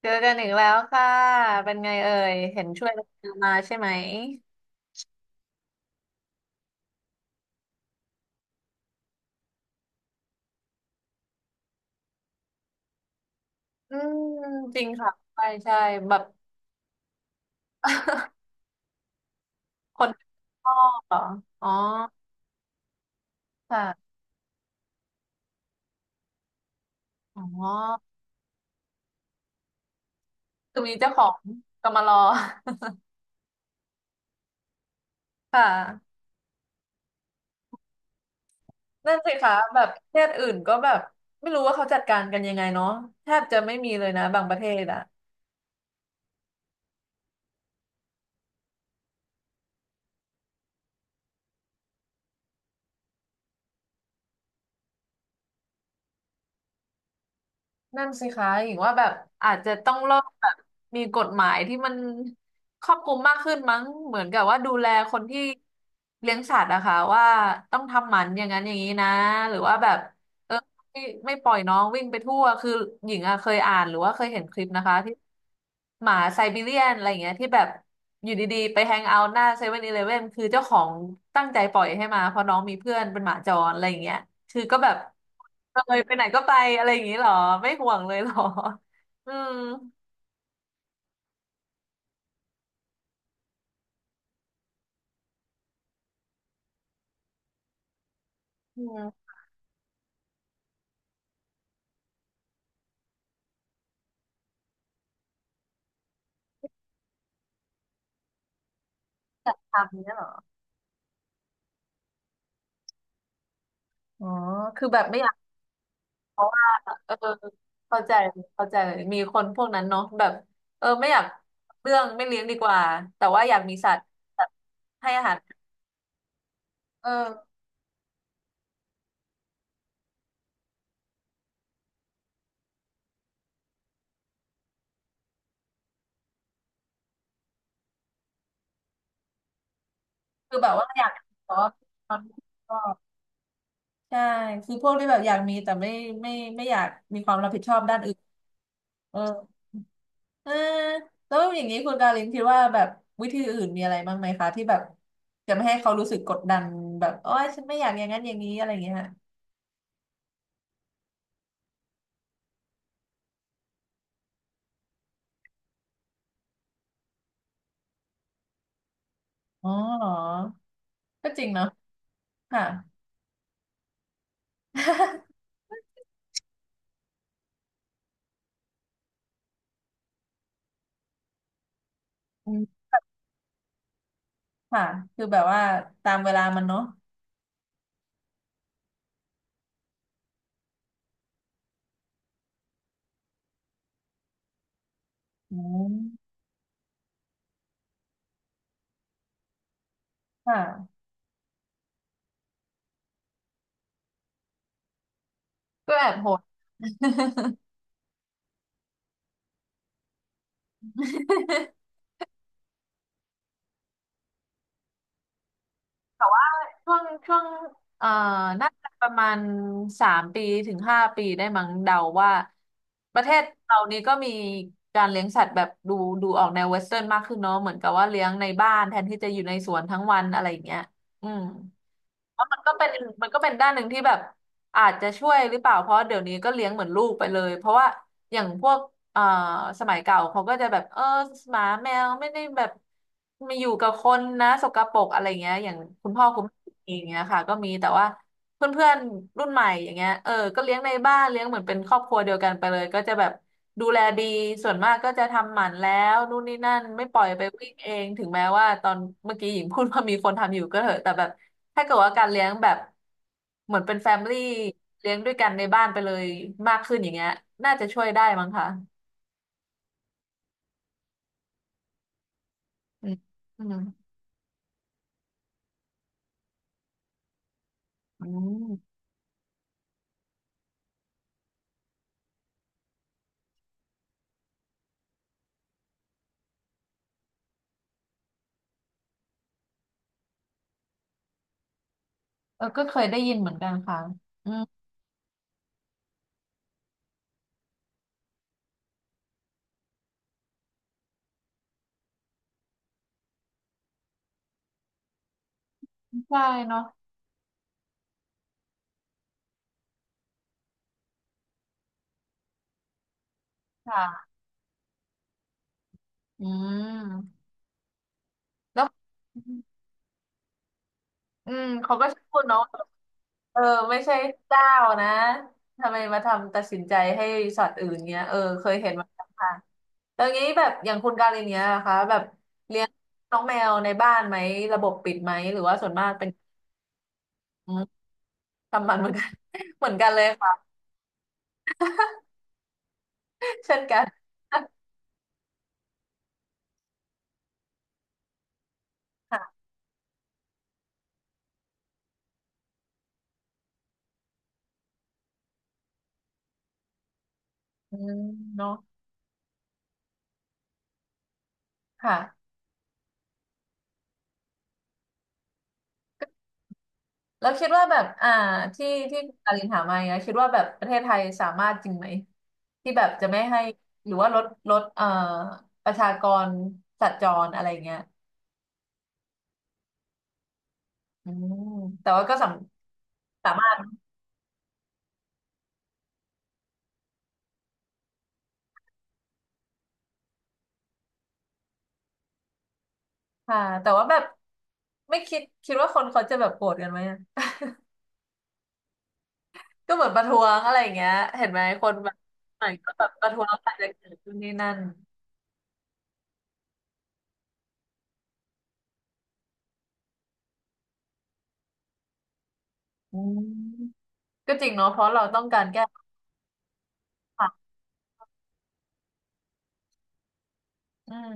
เจอกันอีกแล้วค่ะ เป็นไงเอ่ย เห็นช่วยกันมาใช่ไหมอืมจริงค่ะใช่ใช่แบบ คนพ่อเหรอ อ๋อ ค่ะ อ๋อคือมีเจ้าของกำมารอ ค่ะ นั่นสิคะแบบประเทศอื่นก็แบบไม่รู้ว่าเขาจัดการกันยังไงเนาะแทบจะไม่มีเลยนะบางประเทศอะ นั่นสิคะหญิงว่าแบบอาจจะต้องเริ่มแบบมีกฎหมายที่มันครอบคลุมมากขึ้นมั้งเหมือนกับว่าดูแลคนที่เลี้ยงสัตว์นะคะว่าต้องทำหมันอย่างนั้นอย่างนี้นะหรือว่าแบบ ไม่ไม่ปล่อยน้องวิ่งไปทั่วคือหญิงอะเคยอ่านหรือว่าเคยเห็นคลิปนะคะที่หมาไซบีเรียนอะไรอย่างเงี้ยที่แบบอยู่ดีๆไปแฮงเอาท์หน้าเซเว่นอีเลฟเว่นคือเจ้าของตั้งใจปล่อยให้มาเพราะน้องมีเพื่อนเป็นหมาจรอะไรอย่างเงี้ยคือก็แบบเลยไปไหนก็ไปอะไรอย่างงี้เหรอไม่ห่วงเลยเหรออืมอืมจัดทำเนี่ยเหรออ๋อคือแบบไม่ เพราะว่าเออเข้าใจเข้าใจมีคนพวกนั้นเนาะแบบเออไม่อยากเรื่องไม่เลี้ยงดีกว่าแต่ว่าอยากมีสัตว์แบบให้อาหารเออคือแบบว่าอยากขอความรับผิดชอบใช่คือพวกที่แบบอยากมีแต่ไม่ไม่ไม่อยากมีความรับผิดชอบด้านอื่นเออเออแล้วอย่างนี้คุณกาลินคิดว่าแบบวิธีอื่นมีอะไรบ้างไหมคะที่แบบจะไม่ให้เขารู้สึกกดดันแบบโอ้ยฉันไม่อยากอย่างนั้นอย่างนี้อะไรอย่างเงี้ยฮะอ๋อเหรอก็จริงเนาะค่ะ อืมค่ะคือแบบว่าตามเวลามันเนาะอืมค่ะก็แอบโหดช่วงเอ่อน่าจะประมาณสามปีถึงห้าปีได้มั้งเดาว่าประเทศเรานี้ก็มีการเลี้ยงสัตว์แบบดูออกแนวเวสเทิร์นมากขึ้นเนาะเหมือนกับว่าเลี้ยงในบ้านแทนที่จะอยู่ในสวนทั้งวันอะไรอย่างเงี้ยอืมแลาวมันก็เป็นมันก็เป็นด้านหนึ่งที่แบบอาจจะช่วยหรือเปล่าเพราะเดี๋ยวนี้ก็เลี้ยงเหมือนลูกไปเลยเพราะว่า อย่างพวกเอ่อสมัยเก่าเขาก็จะแบบ เออหมาแมวไม่ได้แบบมาอยู่กับคนนะสกปรกอะไรเงี้ยอย่างคุณพ่อคุณแม่เองเงี้ยค่ะก็มีแต่ว่า เพื่อนเพื่อนรุ่นใหม่อย่างเงี้ยเออก็เลี้ยงในบ้านเลี้ยงเหมือนเป็นครอบครัวเดียวกันไปเลยก็จะแบบดูแลดีส่วนมากก็จะทำหมันแล้วนู่นนี่นั่นไม่ปล่อยไปวิ่งเองถึงแม้ว่าตอนเมื่อกี้หญิงพูดว่ามีคนทำอยู่ก็เถอะแต่แบบถ้าเกิดว่าการเลี้ยงแบบเหมือนเป็นแฟมิลี่เลี้ยงด้วยกันในบ้านไปเลยมากขึ้นอย่างเงี้ยน่าจะช่วยได้มั้งคะอืมอืมอืมเออก็เคยได้ยินเหมือนกันค่ะอืมใช่เนาะค่ะอืมแล้วอืมเขาก็พูดเนาะ เออไม่ใช่เจ้านะทำไมมาทำตัดสินใจให้ชอตว์อื่นเงี้ยเออเคยเห็นมาแล้วค่ะตอนนี้แบบอย่างคุณการินเนี้ยนะคะแบบเลี้ยงน้องแมวในบ้านไหมระบบปิดไหมหรือว่าส่วนมากเป็นอืมทำมันเหมือนกัน เหมือนกันเลยค่ะเช่นกัน ค่ะอืมเนาะค่ะแล้วคิดว่าแบบอ่าที่ที่คุณการินถามมาเนี้ยคิดว่าแบบประเทศไทยสามารถจริงไหมที่แบบจะไม่ให้หรือว่าลดประชากรสัตว์จรอะไรเงี้ย อืมแต่ว่าก็สามารถค่ะแต่ว่าแบบไม่คิดว่าคนเขาจะแบบโกรธกันไหมอะ ก็เหมือนประท้วงอะไรอย่างเงี้ยเห็นไหมคนแบบไหนก็แบบประท้วงอาจจะเกิดขึ้นนี่นั่นอืมก็จริงเนาะเพราะเราต้องการแก้ปัญหาอืม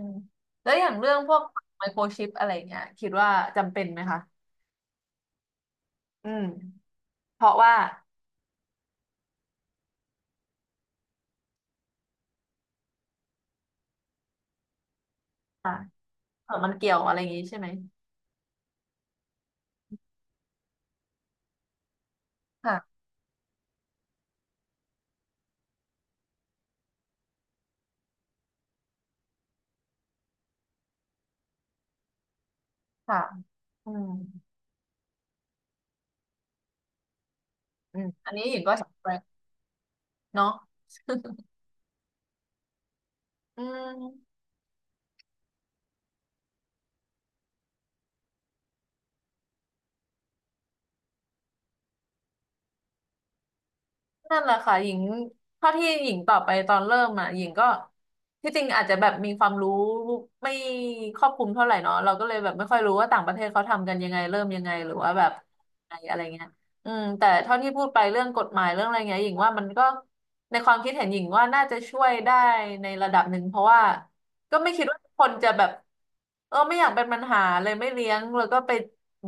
แล้วอย่างเรื่องพวกไมโครชิปอะไรเงี้ยคิดว่าจำเป็นไหมคะอืมเพราะว่าอ่ะเออมันเกี่ยวอะไรอย่างงี้ใช่ไหมค่ะค่ะอืมอืมอันนี้หญิงก็ เห็นด้วยเนาะอืม นั่นแหละค่ะหญิงเท่าที่หญิงตอบไปตอนเริ่มอ่ะหญิงก็ที่จริงอาจจะแบบมีความรู้ไม่ครอบคลุมเท่าไหร่เนาะเราก็เลยแบบไม่ค่อยรู้ว่าต่างประเทศเขาทำกันยังไงเริ่มยังไงหรือว่าแบบอะไรอะไรเงี้ยอืมแต่เท่าที่พูดไปเรื่องกฎหมายเรื่องอะไรเงี้ยหญิงว่ามันก็ในความคิดเห็นหญิงว่าน่าจะช่วยได้ในระดับหนึ่งเพราะว่า ก็ไม่คิดว่าคนจะแบบเออไม่อยากเป็นปัญหาเลยไม่เลี้ยงแล้วก็ไป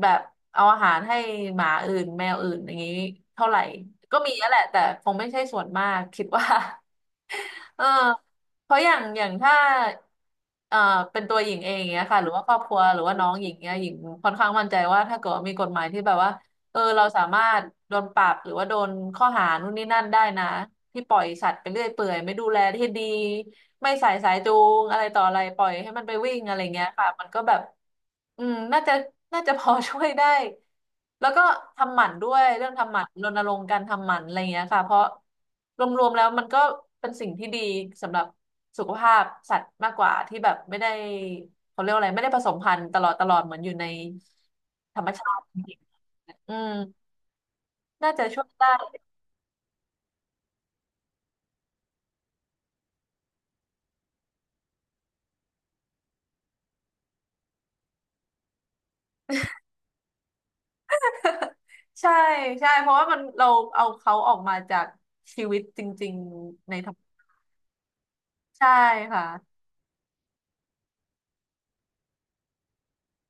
แบบเอาอาหารให้หมาอื่นแมวอื่นอย่างนี้เท่าไหร่ก็มีนั่นแหละแต่คงไม่ใช่ส่วนมากคิดว่า เออเพราะอย่างอย่างถ้าเอ่อเป็นตัวหญิงเองเนี้ยค่ะหรือว่าครอบครัวหรือว่าน้องหญิงเนี้ยหญิงค่อนข้างมั่นใจว่าถ้าเกิดว่ามีกฎหมายที่แบบว่า เออเราสามารถโดนปรับหรือว่าโดนข้อหานู่นนี่นั่นได้นะที่ปล่อยสัตว์ไปเรื่อยเปื่อยไม่ดูแลที่ดีไม่ใส่สายจูงอะไรต่ออะไรปล่อยให้มันไปวิ่งอะไรเงี้ยค่ะมันก็แบบอืมน่าจะพอช่วยได้แล้วก็ทำหมันด้วยเรื่องทำหมันรณรงค์การทำหมันอะไรเงี้ยค่ะเพราะรวมๆแล้วมันก็เป็นสิ่งที่ดีสำหรับสุขภาพสัตว์มากกว่าที่แบบไม่ได้เขาเรียกว่าอะไรไม่ได้ผสมพันธุ์ตลอดตลอดเหมือนอยู่ในธรรมชาติอืม น่าจะช่วยได้ใช่ใช่เพราะว่ามันเราเอาเขาออกมาจากชีวิตจริงๆในธรรมใช่ค่ะ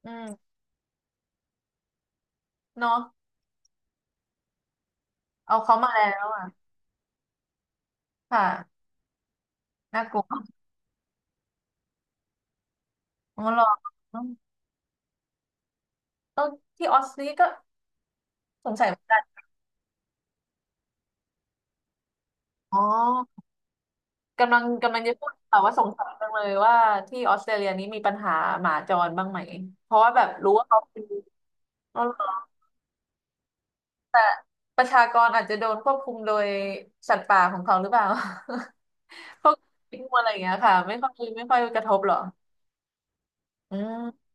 อืมเนาะเอาเขามาแล้วอ่ะค่ะน่ากลัวอ๋อเหรอต้นที่ออสนี่ก็สงสัยเหมือนกันอ๋อกำลังจะพูดค่ะว่าสงสัยจังเลยว่าที่ออสเตรเลียนี้มีปัญหาหมาจรบ้างไหมเพราะว่าแบบรู้ว่าเขาเป็นประชากรอาจจะโดนควบคุมโดยสัตว์ป่าของเขาหรือเปล่า พวกงูอะไรอย่างเงี้ยค่ะไม่ค่อยกระทบหรออืม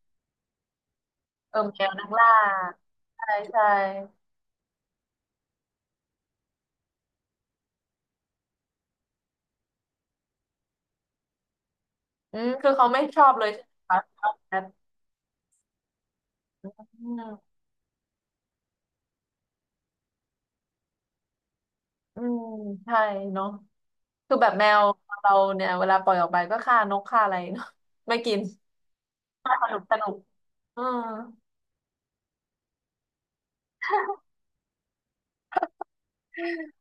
เออแมวนักล่าใช่ใช่อืมคือเขาไม่ชอบเลยใช่ไหมคะชอบแคทอืมอืมใช่เนาะคือแบบแมวเราเนี่ยเวลาปล่อยออกไปก็ฆ่านกฆ่าอะไรเนาะไม่กินสนุกสนุกอืม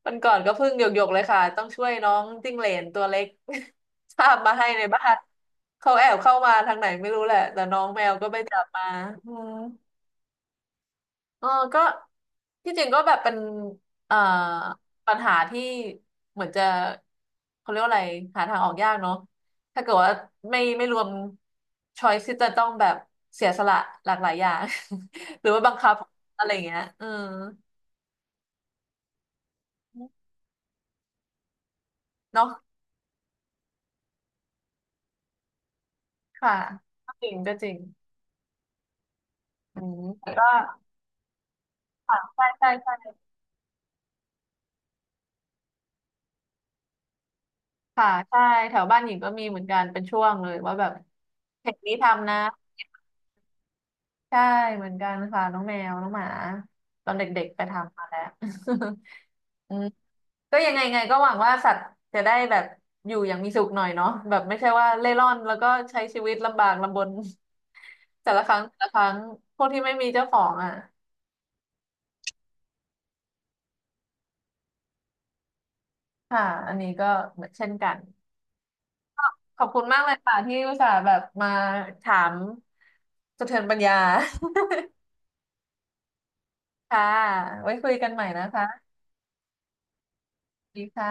วันก่อนก็เพิ่งหยกๆเลยค่ะต้องช่วยน้องจิ้งเหลนตัวเล็ก คาบมาให้ในบ้านเขาแอบเข้ามาทางไหนไม่รู้แหละแต่น้องแมวก็ไปจับมาอืม เออก็ที่จริงก็แบบเป็นเอ่อปัญหาที่เหมือนจะเขาเรียกว่าอะไรหาทางออกยากเนาะถ้าเกิดว่าไม่ไม่รวมช้อยที่จะต้องแบบเสียสละหลากหลายอย่าง หรือว่าบังคับอะไรอย่างเงี้ยเออเนาะค่ะก็จริงอืมแต่ก็ใช่ค่ะใช่แถวบ้านหญิงก็มีเหมือนกันเป็นช่วงเลยว่าแบบเพจนี้ทำนะ ใช่เหมือนกันค่ะน้องแมวน้องหมาตอนเด็กๆไปทำมาแล้ว อืมก็ยังไงไงก็หวังว่าสัตว์จะได้แบบอยู่อย่างมีสุขหน่อยเนาะแบบไม่ใช่ว่าเล่ร่อนแล้วก็ใช้ชีวิตลำบากลำบน แต่ละครั้งพวกที่ไม่มีเจ้าของอ่ะค่ะอันนี้ก็เหมือนเช่นกันขอบคุณมากเลยค่ะที่อุตส่าห์แบบมาถามสะเทือนปัญญา ค่ะไว้คุยกันใหม่นะคะดีค่ะ